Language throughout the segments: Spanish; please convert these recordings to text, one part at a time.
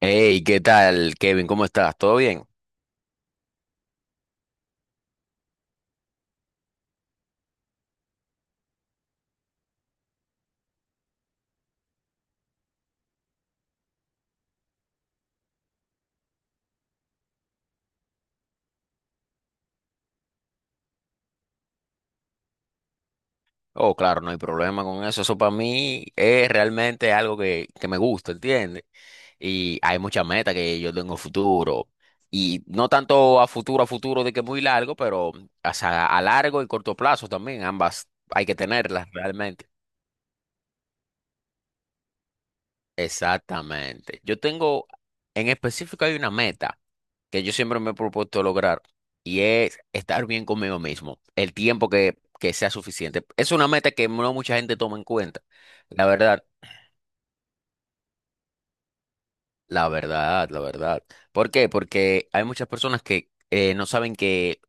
Hey, ¿qué tal, Kevin? ¿Cómo estás? ¿Todo bien? Oh, claro, no hay problema con eso. Eso para mí es realmente algo que me gusta, ¿entiendes? Y hay muchas metas que yo tengo futuro. Y no tanto a futuro de que muy largo, pero o sea, a largo y corto plazo también. Ambas hay que tenerlas realmente. Exactamente. En específico hay una meta que yo siempre me he propuesto lograr y es estar bien conmigo mismo, el tiempo que sea suficiente. Es una meta que no mucha gente toma en cuenta, la verdad. La verdad, la verdad. ¿Por qué? Porque hay muchas personas que no saben que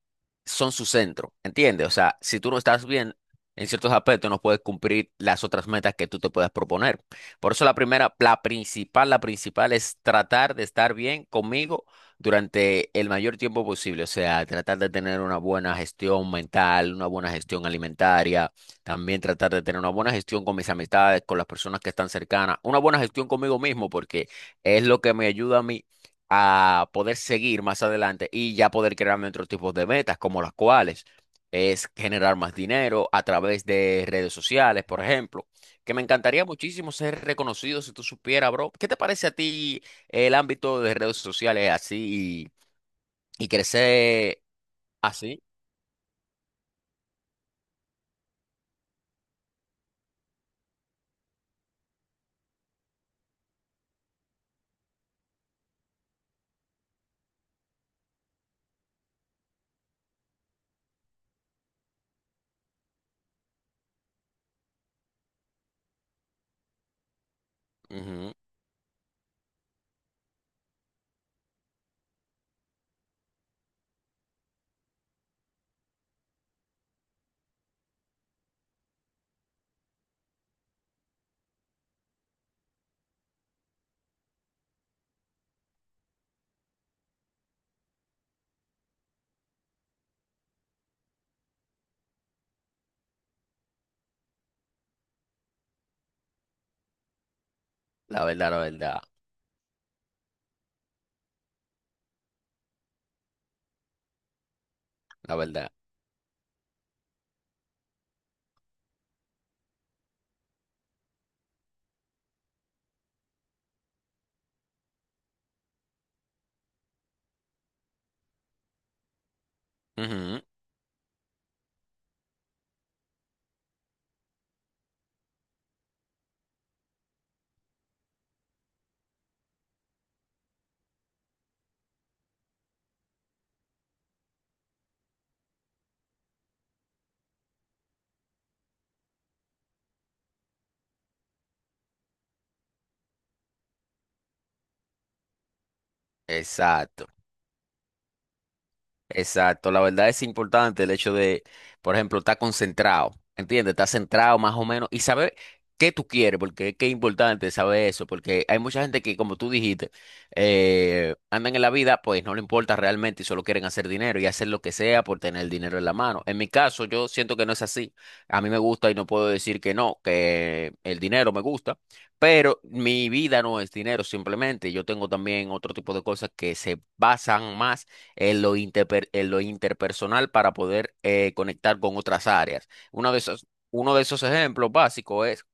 son su centro, ¿entiendes? O sea, si tú no estás bien en ciertos aspectos, no puedes cumplir las otras metas que tú te puedas proponer. Por eso la primera, la principal es tratar de estar bien conmigo durante el mayor tiempo posible. O sea, tratar de tener una buena gestión mental, una buena gestión alimentaria, también tratar de tener una buena gestión con mis amistades, con las personas que están cercanas, una buena gestión conmigo mismo, porque es lo que me ayuda a mí a poder seguir más adelante y ya poder crearme otros tipos de metas, como las cuales es generar más dinero a través de redes sociales, por ejemplo, que me encantaría muchísimo ser reconocido si tú supieras, bro. ¿Qué te parece a ti el ámbito de redes sociales así y crecer así? Ujú. La verdad, la verdad, la verdad. Ujú. Exacto. Exacto, la verdad es importante el hecho de, por ejemplo, estar concentrado, ¿entiendes? Estar centrado más o menos y saber qué tú quieres, porque es que es importante saber eso, porque hay mucha gente que, como tú dijiste, andan en la vida, pues no le importa realmente y solo quieren hacer dinero y hacer lo que sea por tener el dinero en la mano. En mi caso, yo siento que no es así. A mí me gusta y no puedo decir que no, que el dinero me gusta, pero mi vida no es dinero simplemente. Yo tengo también otro tipo de cosas que se basan más en lo, en lo interpersonal para poder conectar con otras áreas. Uno de esos ejemplos básicos es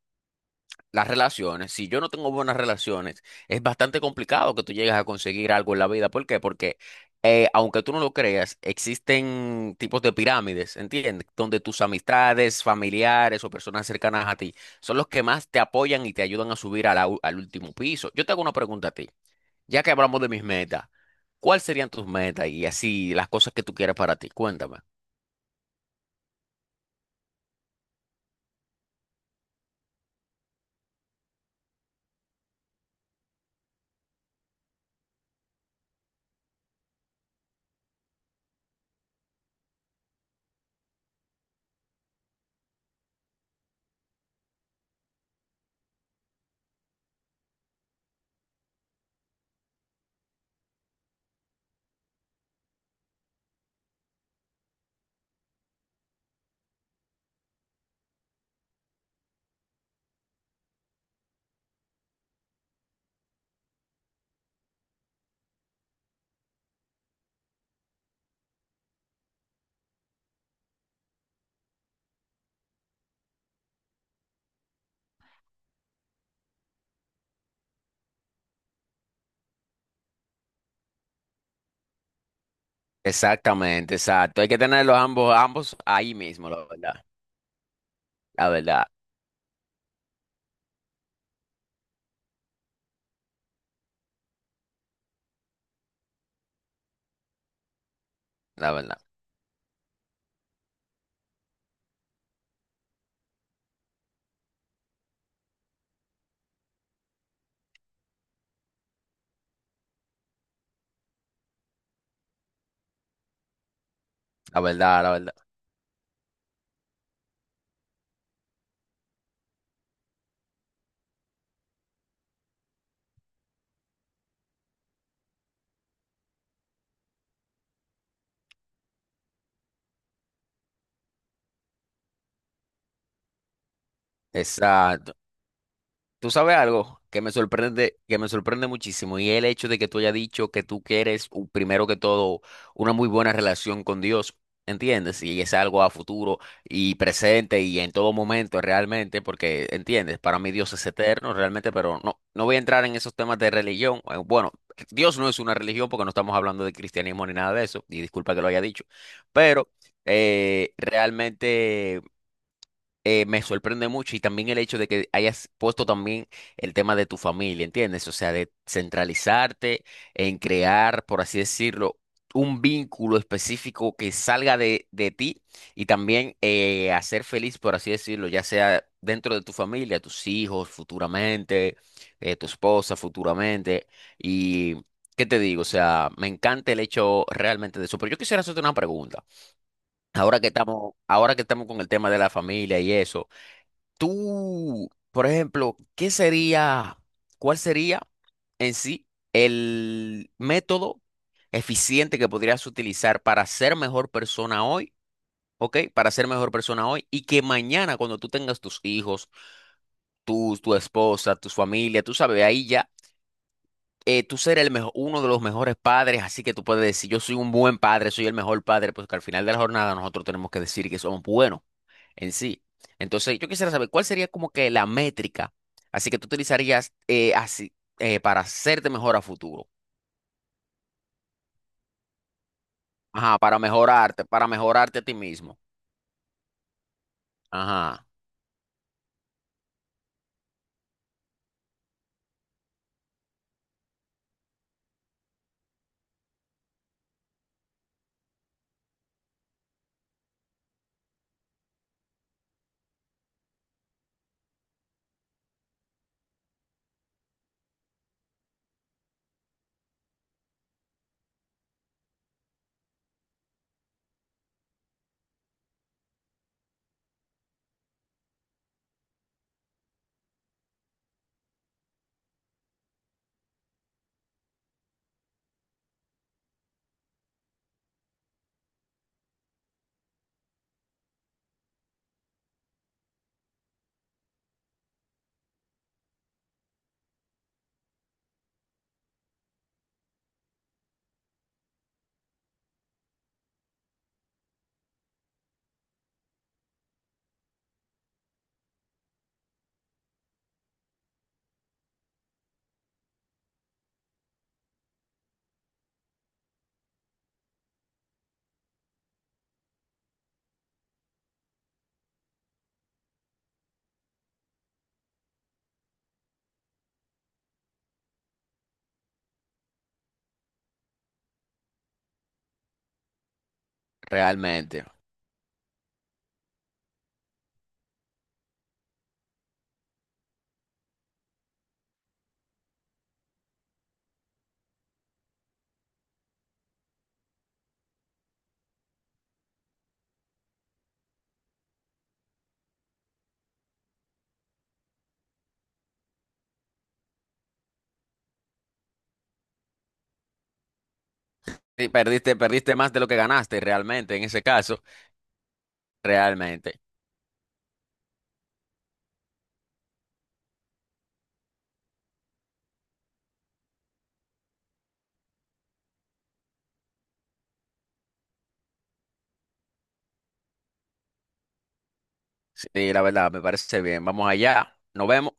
las relaciones. Si yo no tengo buenas relaciones, es bastante complicado que tú llegues a conseguir algo en la vida. ¿Por qué? Porque aunque tú no lo creas, existen tipos de pirámides, ¿entiendes? Donde tus amistades, familiares o personas cercanas a ti son los que más te apoyan y te ayudan a subir a la al último piso. Yo te hago una pregunta a ti. Ya que hablamos de mis metas, ¿cuáles serían tus metas y así las cosas que tú quieres para ti? Cuéntame. Exactamente, exacto. Hay que tenerlos ambos, ambos ahí mismo, la verdad. La verdad, la verdad, la verdad, la verdad, la verdad. Exacto. Tú sabes algo que me sorprende muchísimo, y es el hecho de que tú hayas dicho que tú quieres, primero que todo, una muy buena relación con Dios, ¿entiendes? Y es algo a futuro y presente y en todo momento realmente, porque, ¿entiendes? Para mí Dios es eterno realmente, pero no, no voy a entrar en esos temas de religión. Bueno, Dios no es una religión porque no estamos hablando de cristianismo ni nada de eso, y disculpa que lo haya dicho, pero realmente me sorprende mucho y también el hecho de que hayas puesto también el tema de tu familia, ¿entiendes? O sea, de centralizarte en crear, por así decirlo, un vínculo específico que salga de ti y también hacer feliz, por así decirlo, ya sea dentro de tu familia, tus hijos futuramente, tu esposa futuramente. Y, ¿qué te digo? O sea, me encanta el hecho realmente de eso. Pero yo quisiera hacerte una pregunta. Ahora que estamos con el tema de la familia y eso. Tú, por ejemplo, ¿qué sería, cuál sería en sí el método eficiente que podrías utilizar para ser mejor persona hoy, ¿ok? Para ser mejor persona hoy y que mañana cuando tú tengas tus hijos, tú, tu esposa, tu familia, tú sabes, ahí ya, tú ser el mejor, uno de los mejores padres, así que tú puedes decir, yo soy un buen padre, soy el mejor padre, pues que al final de la jornada nosotros tenemos que decir que somos buenos en sí. Entonces, yo quisiera saber cuál sería como que la métrica, así que tú utilizarías así para hacerte mejor a futuro. Ajá, para mejorarte a ti mismo. Ajá, realmente. Sí, perdiste más de lo que ganaste, realmente, en ese caso, realmente. Sí, la verdad, me parece bien. Vamos allá. Nos vemos.